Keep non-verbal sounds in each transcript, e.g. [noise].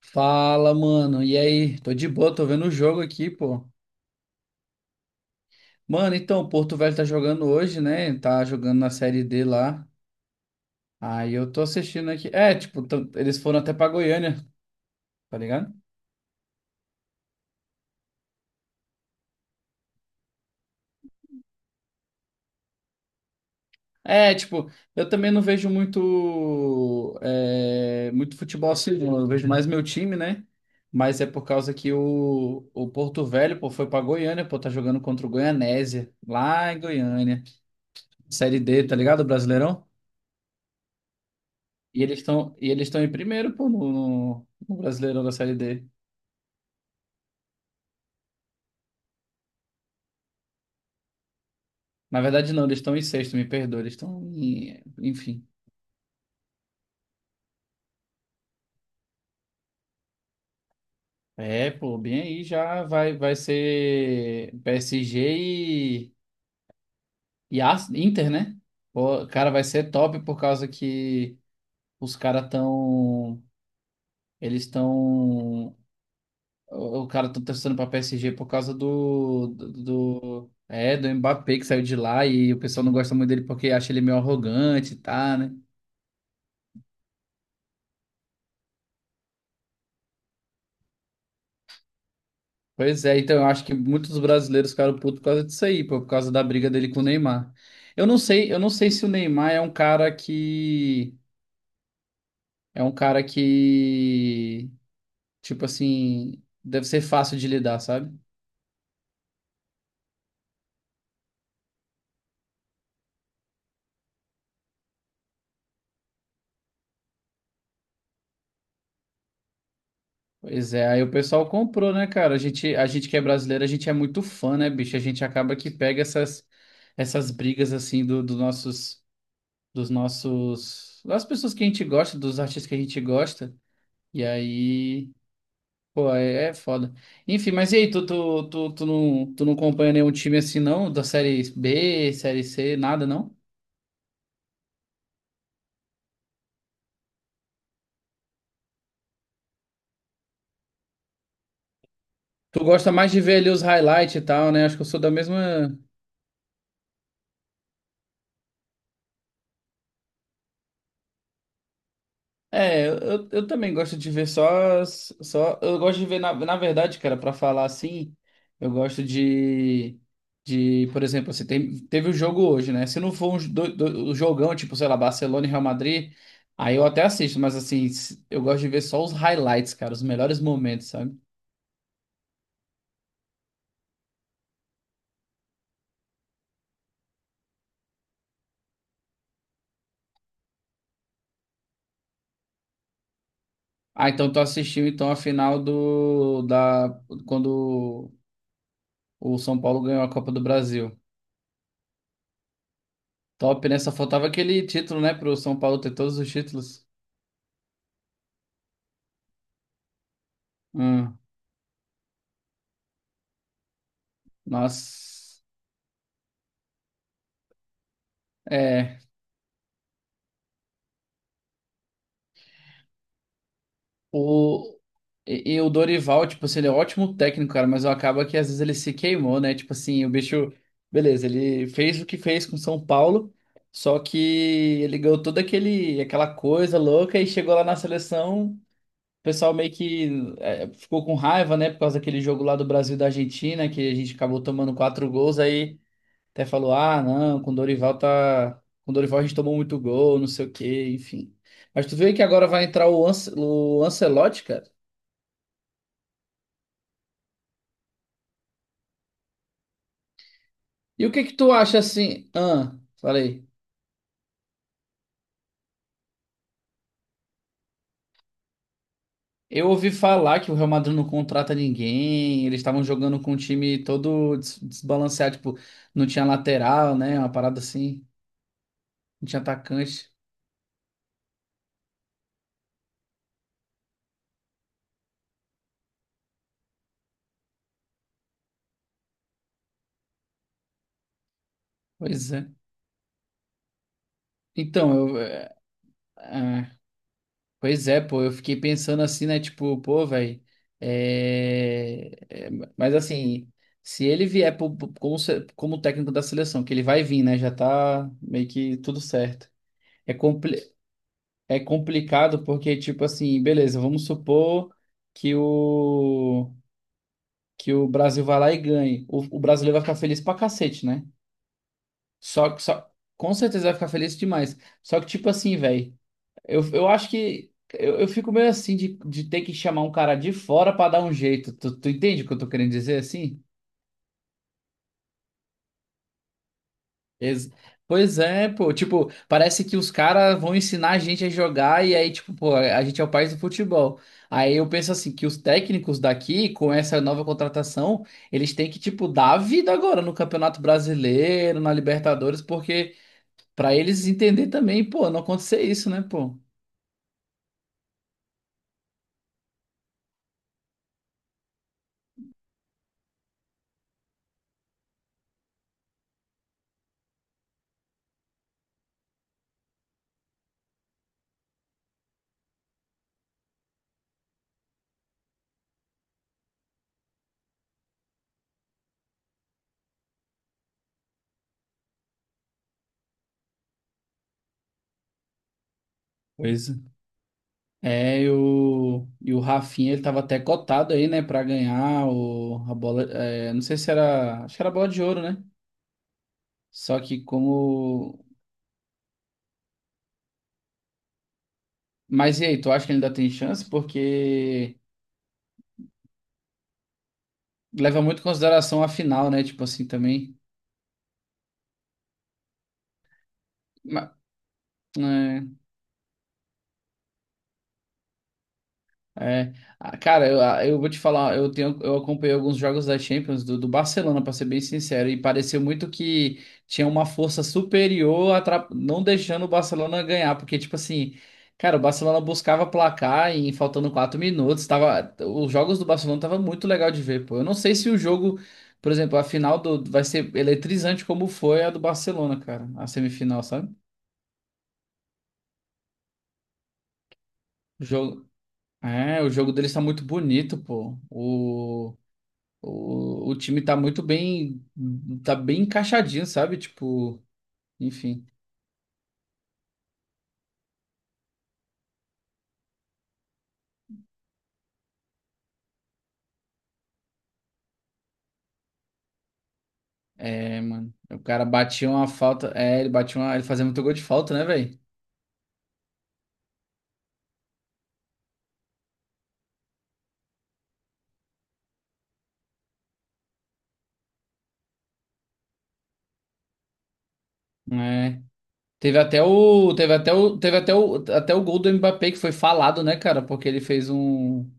Fala, mano. E aí? Tô de boa, tô vendo o jogo aqui, pô. Mano, então, o Porto Velho tá jogando hoje, né? Tá jogando na Série D lá. Aí eu tô assistindo aqui. É, tipo, eles foram até pra Goiânia, tá ligado? É, tipo, eu também não vejo muito, muito futebol assim, não. Eu vejo mais meu time, né? Mas é por causa que o Porto Velho, pô, foi pra Goiânia, pô, tá jogando contra o Goianésia, lá em Goiânia. Série D, tá ligado? Brasileirão? E eles estão em primeiro, pô, no Brasileirão da Série D. Na verdade, não, eles estão em sexto, me perdoa. Eles estão em. Enfim. É, pô, bem aí já vai, vai ser PSG e, e Inter, né? Pô, cara, vai ser top por causa que os caras estão. Eles estão. O cara tá torcendo pra PSG por causa do Mbappé que saiu de lá e o pessoal não gosta muito dele porque acha ele meio arrogante, tá, né? Pois é, então eu acho que muitos brasileiros ficaram putos por causa disso aí, pô, por causa da briga dele com o Neymar. Eu não sei se o Neymar é um cara que um cara que, tipo assim, deve ser fácil de lidar, sabe? Pois é, aí o pessoal comprou, né, cara? A gente que é brasileiro, a gente é muito fã, né, bicho? A gente acaba que pega essas brigas assim dos nossos, dos nossos, das pessoas que a gente gosta, dos artistas que a gente gosta. E aí, pô, é, é foda. Enfim, mas e aí, tu não acompanha nenhum time assim, não? Da série B, série C, nada, não? Tu gosta mais de ver ali os highlights e tal, né? Acho que eu sou da mesma. É, eu também gosto de ver só, Eu gosto de ver, na verdade, cara, pra falar assim, eu gosto de. De, por exemplo, assim, teve o jogo hoje, né? Se não for um, um jogão, tipo, sei lá, Barcelona e Real Madrid, aí eu até assisto, mas assim, eu gosto de ver só os highlights, cara, os melhores momentos, sabe? Ah, então tu assistiu então a final do da quando o São Paulo ganhou a Copa do Brasil. Top, né? Só faltava aquele título, né, pro São Paulo ter todos os títulos. Hum, nossa. É, o e, o Dorival, tipo assim, ele é um ótimo técnico, cara, mas acaba que às vezes ele se queimou, né? Tipo assim, o bicho, beleza, ele fez o que fez com o São Paulo, só que ele ganhou toda aquele, aquela coisa louca e chegou lá na seleção. O pessoal meio que, é, ficou com raiva, né? Por causa daquele jogo lá do Brasil e da Argentina, que a gente acabou tomando 4 gols, aí até falou: ah, não, com o Dorival tá. Com o Dorival a gente tomou muito gol, não sei o quê, enfim. Mas tu vê que agora vai entrar o, o Ancelotti, cara. E o que que tu acha assim? Ah, falei. Eu ouvi falar que o Real Madrid não contrata ninguém, eles estavam jogando com um time todo desbalanceado, tipo, não tinha lateral, né? Uma parada assim, não tinha atacante. Pois é. Então, eu, é, ah, pois é, pô, eu fiquei pensando assim, né? Tipo, pô, velho. É, é, mas assim, se ele vier pro- pro- como, se- como técnico da seleção, que ele vai vir, né? Já tá meio que tudo certo. É, é complicado porque, tipo assim, beleza, vamos supor que o, que o Brasil vai lá e ganhe. O brasileiro vai ficar feliz pra cacete, né? Só que só, com certeza vai ficar feliz demais. Só que, tipo assim, velho. Eu acho que eu fico meio assim de ter que chamar um cara de fora pra dar um jeito. Tu entende o que eu tô querendo dizer assim? Ex- pois é, pô. Tipo, parece que os caras vão ensinar a gente a jogar e aí, tipo, pô, a gente é o país do futebol. Aí eu penso assim, que os técnicos daqui, com essa nova contratação, eles têm que, tipo, dar a vida agora no Campeonato Brasileiro, na Libertadores, porque pra eles entender também, pô, não acontecer isso, né, pô? Pois é, e o, o Rafinha, ele tava até cotado aí, né, pra ganhar o, a bola, é, não sei se era, acho que era a bola de ouro, né? Só que como... Mas e aí, tu acha que ele ainda tem chance? Porque leva muito em consideração a final, né, tipo assim, também. Ma- é. É, ah, cara, eu vou te falar, eu tenho, eu acompanhei alguns jogos da Champions do Barcelona, pra ser bem sincero, e pareceu muito que tinha uma força superior, não deixando o Barcelona ganhar, porque tipo assim, cara, o Barcelona buscava placar e faltando 4 minutos, tava, os jogos do Barcelona tava muito legal de ver, pô. Eu não sei se o jogo, por exemplo, a final do vai ser eletrizante como foi a do Barcelona, cara, a semifinal, sabe? O jogo, é, o jogo deles tá muito bonito, pô. O time tá muito bem, tá bem encaixadinho, sabe? Tipo, enfim. É, mano. O cara batia uma falta. É, ele batia uma. Ele fazia muito gol de falta, né, velho? É. Teve até o, até o gol do Mbappé que foi falado, né, cara? Porque ele fez um.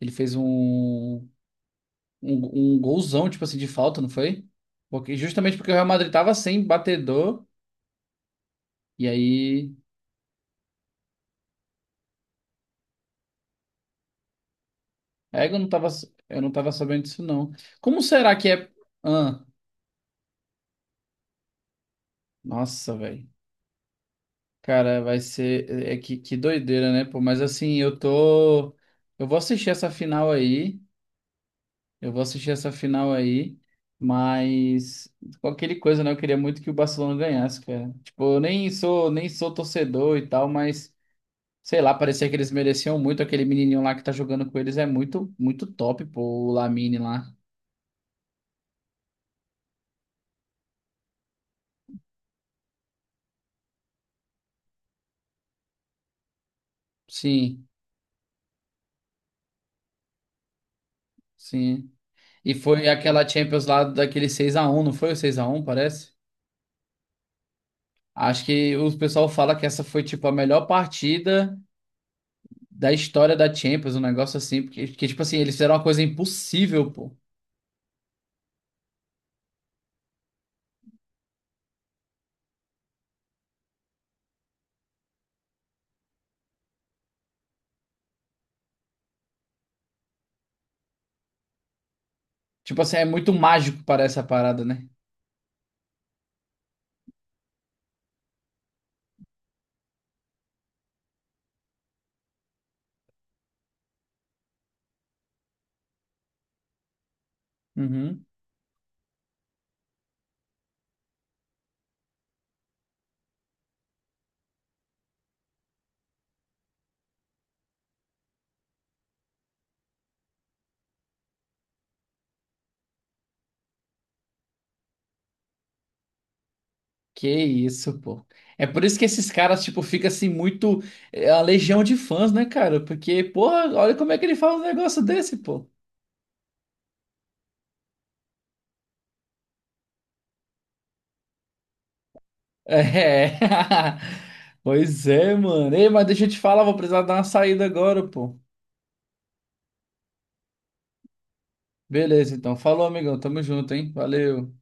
Ele fez um. Um, um golzão, tipo assim, de falta, não foi? Porque, justamente porque o Real Madrid tava sem batedor. E aí. É, eu não tava sabendo disso, não. Como será que é. Ahn? Nossa, velho. Cara, vai ser. É que doideira, né, pô? Mas assim, eu tô. Eu vou assistir essa final aí. Eu vou assistir essa final aí. Mas, qualquer coisa, né? Eu queria muito que o Barcelona ganhasse, cara. Tipo, eu nem sou, nem sou torcedor e tal, mas. Sei lá, parecia que eles mereciam muito. Aquele menininho lá que tá jogando com eles é muito, muito top, pô. O Lamine lá. Sim, sim. E foi aquela Champions lá daquele 6-1, não foi o 6-1? Parece? Acho que o pessoal fala que essa foi, tipo, a melhor partida da história da Champions, um negócio assim, porque, tipo assim, eles fizeram uma coisa impossível, pô. Tipo assim, é muito mágico para essa parada, né? Uhum. Que isso, pô. É por isso que esses caras, tipo, fica assim muito. É a legião de fãs, né, cara? Porque, porra, olha como é que ele fala um negócio desse, pô. É. [laughs] Pois é, mano. Ei, mas deixa eu te falar, vou precisar dar uma saída agora, pô. Beleza, então. Falou, amigão. Tamo junto, hein? Valeu.